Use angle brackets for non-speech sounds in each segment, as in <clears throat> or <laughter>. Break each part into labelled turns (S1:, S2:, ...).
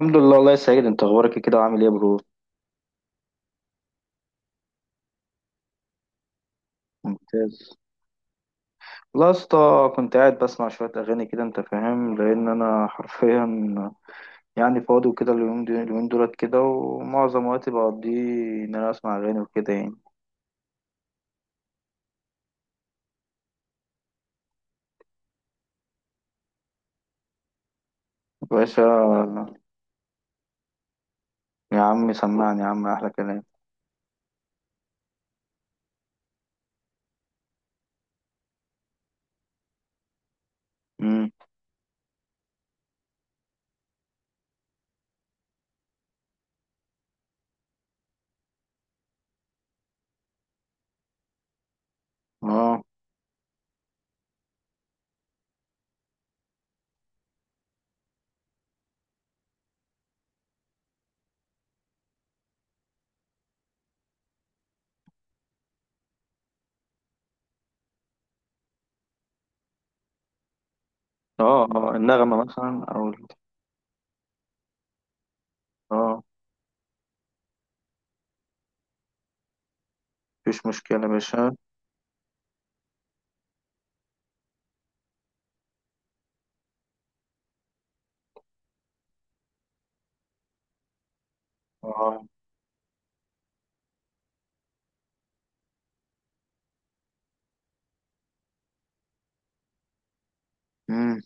S1: الحمد لله، الله يسعدك، انت اخبارك ايه كده وعامل ايه يا برو؟ ممتاز. لا يا اسطى. كنت قاعد بسمع شويه اغاني كده، انت فاهم، لان انا حرفيا يعني فاضي وكده، اليومين دولت كده، ومعظم وقتي بقضيه ان انا اسمع اغاني وكده يعني. يا باشا. يا عم، سمعني يا عم، احلى كلام. امم. اه، اه، اه، النغمه مثلا اه. مفيش مشكله يا باشا. اه. امم.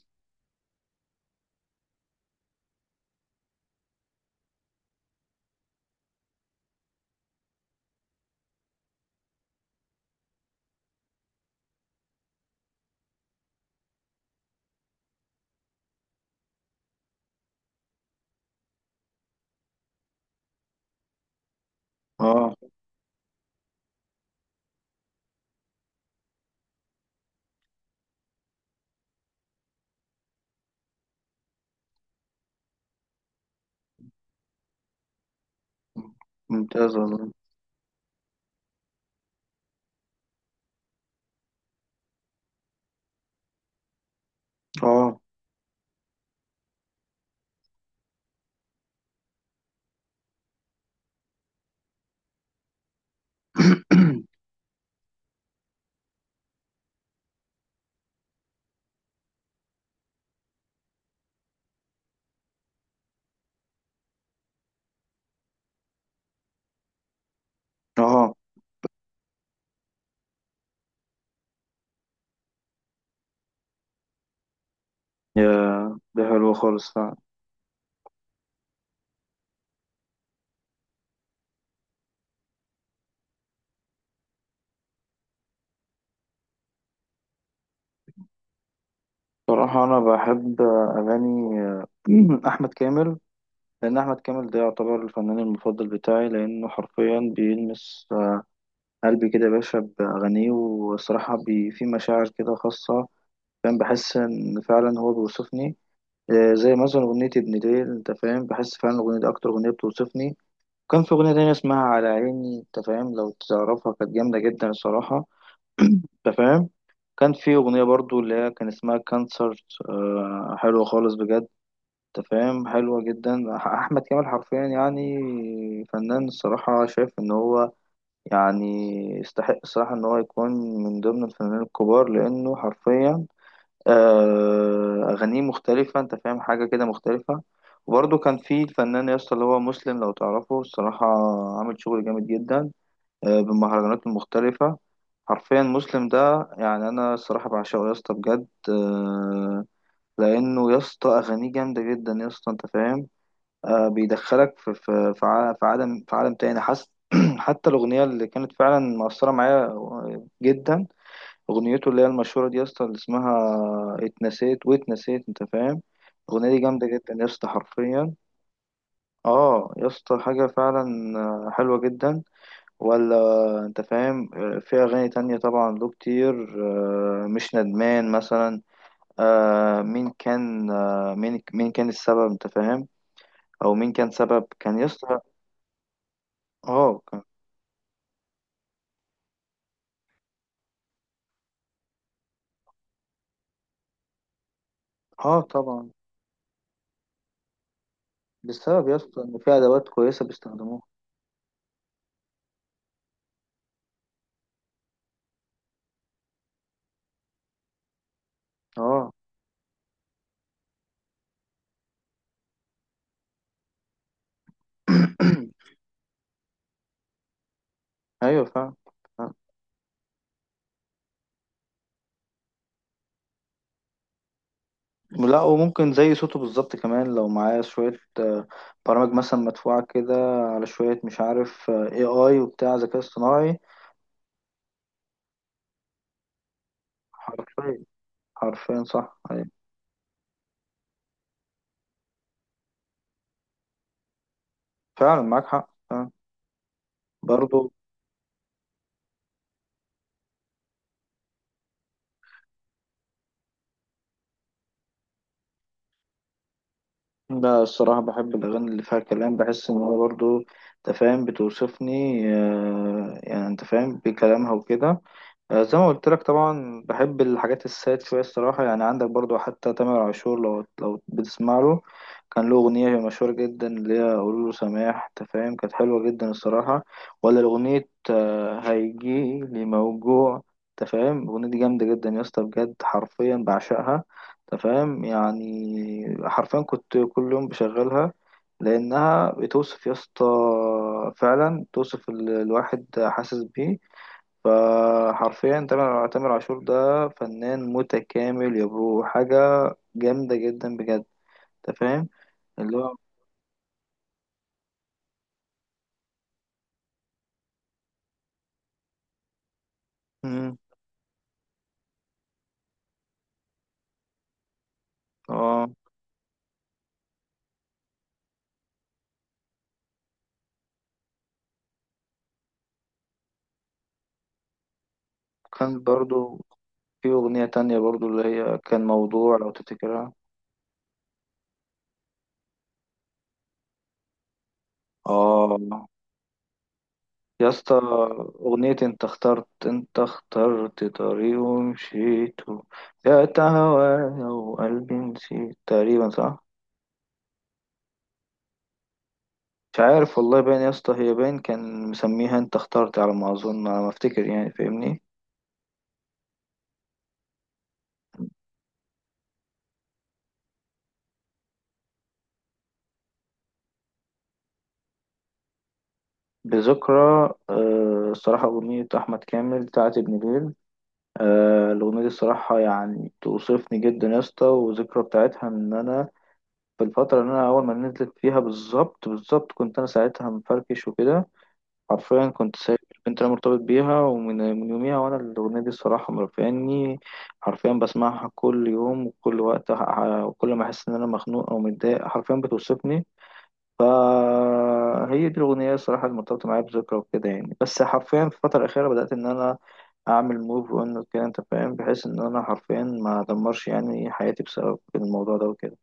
S1: اه. ممتاز والله. اه. <clears throat> اه، يا ده حلو خالص فعلا. صراحة أنا بحب أغاني <clears throat> أحمد كامل. لأن أحمد كامل ده يعتبر الفنان المفضل بتاعي، لأنه حرفيا بيلمس قلبي كده يا باشا بأغانيه، والصراحة بي في مشاعر كده خاصة. فاهم، بحس إن فعلا هو بيوصفني. زي مثلا أغنية ابن ليل، أنت فاهم، بحس فعلا الأغنية دي أكتر أغنية بتوصفني. كان في أغنية تانية اسمها على عيني، أنت فاهم لو تعرفها، كانت جامدة جدا الصراحة. انت فاهم. كان في اغنيه برضو اللي هي كان اسمها كانسر، حلوه خالص بجد. انت فاهم، حلوه جدا. احمد كامل حرفيا يعني فنان، الصراحه شايف ان هو يعني يستحق الصراحه ان هو يكون من ضمن الفنانين الكبار، لانه حرفيا اغانيه مختلفه، انت فاهم، حاجه كده مختلفه. وبرضه كان في الفنان يا اسطى اللي هو مسلم، لو تعرفه الصراحه، عامل شغل جامد جدا بالمهرجانات المختلفة. حرفيا مسلم ده، يعني أنا الصراحة بعشقه يا اسطى بجد. لأنه يا اسطى أغانيه جامدة جدا يا اسطى أنت فاهم. بيدخلك في عالم تاني، حاسس <clears throat> حتى الأغنية اللي كانت فعلا مأثرة معايا جدا. أغنيته اللي هي المشهورة دي يا اسطى، اللي اسمها اتنسيت واتنسيت، أنت فاهم. الأغنية دي جامدة جدا يا اسطى حرفيا. اه يا اسطى، حاجة فعلا حلوة جدا. ولا. انت فاهم، في اغاني تانية طبعا له كتير. مش ندمان مثلا. مين كان السبب، انت فاهم. او مين كان سبب كان يسطا. اه، كان. اه، طبعا. بسبب يسطا ان في ادوات كويسة بيستخدموها. اه. <coughs> <clears throat> ايوه، فاهم. فاهم. لا، وممكن زي صوته بالظبط كمان، لو معاه شوية برامج مثلا مدفوعة كده، على شوية، مش عارف اي اي وبتاع ذكاء اصطناعي. حرفيا. حرفيا صح، أيوة. فعلا معاك حق. برضو. لا، الصراحة بحب الأغاني اللي فيها كلام، بحس إن هو برضو أنت فاهم بتوصفني. يعني أنت فاهم بكلامها وكده. زي ما قلت لك، طبعا بحب الحاجات الساد شوية الصراحة، يعني عندك برضو حتى تامر عاشور لو بتسمع له. كان له أغنية مشهورة جدا اللي هي قولوا له سماح، أنت فاهم، كانت حلوة جدا الصراحة. ولا أغنية هيجيلي موجوع. أنت فاهم الأغنية دي جامدة جدا يا اسطى بجد، حرفيا بعشقها. أنت فاهم يعني حرفيا كنت كل يوم بشغلها. لأنها بتوصف يا اسطى، فعلا توصف الواحد، حاسس بيه. فحرفيا تامر عاشور ده فنان متكامل يا برو، حاجة جامدة جدا بجد. انت فاهم اللي هو. مم. اه، كان برضو في أغنية تانية برضو اللي هي كان موضوع، لو تفتكرها. اه يا اسطى، أغنية انت اخترت طريق ومشيته، بعت هوايا وقلبي نسيت تقريبا، صح؟ مش عارف والله، باين يا اسطى، هي باين كان مسميها انت اخترت، على ما اظن، على ما افتكر، يعني فاهمني. بذكرى، الصراحة أغنية أحمد كامل بتاعت ابن ليل. الأغنية دي الصراحة يعني توصفني جدا يا اسطى، والذكرى بتاعتها إن أنا في الفترة اللي أنا أول ما نزلت فيها بالظبط بالظبط، كنت أنا ساعتها مفركش وكده. حرفيا كنت سايب. كنت أنا مرتبط بيها، ومن من يوميها، وأنا الأغنية دي الصراحة مرفعني. حرفيا بسمعها كل يوم وكل وقت، وكل ما أحس إن أنا مخنوق أو متضايق، حرفيا بتوصفني. فهي دي الأغنية الصراحة اللي مرتبطة معايا بذكرى وكده يعني، بس حرفيا في الفترة الأخيرة بدأت إن أنا أعمل موف أون كده، أنت فاهم، بحيث إن أنا حرفيا ما أدمرش يعني حياتي بسبب الموضوع ده وكده.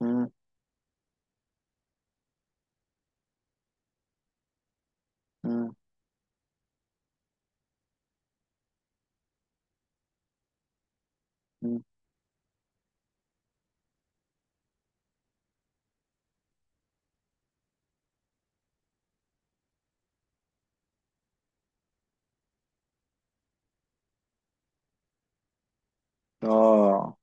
S1: مم، مم، مم. آه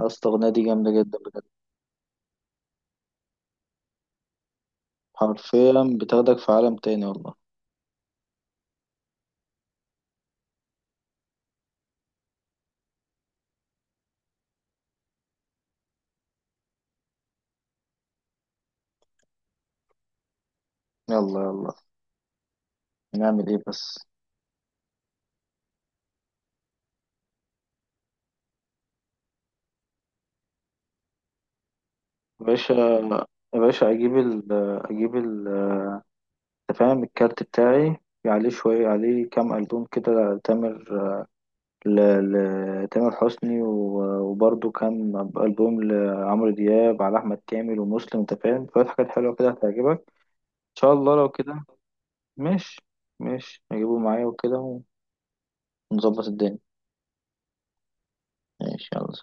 S1: يا اسطى، الأغنية دي جامدة جدا بجد، حرفيا بتاخدك في عالم تاني والله. يلا يلا. نعمل إيه بس؟ يا باشا. يا باشا، أجيب ال أجيب ال أنت فاهم الكارت بتاعي، عليه كام ألبوم كده، تامر لتامر حسني، وبرضه كان ألبوم لعمرو دياب، على أحمد كامل ومسلم، أنت فاهم شوية حاجات حلوة كده هتعجبك. إن شاء الله لو كده. ماشي. ماشي، هجيبه معايا وكده، ونظبط الدنيا. ماشي، يلا.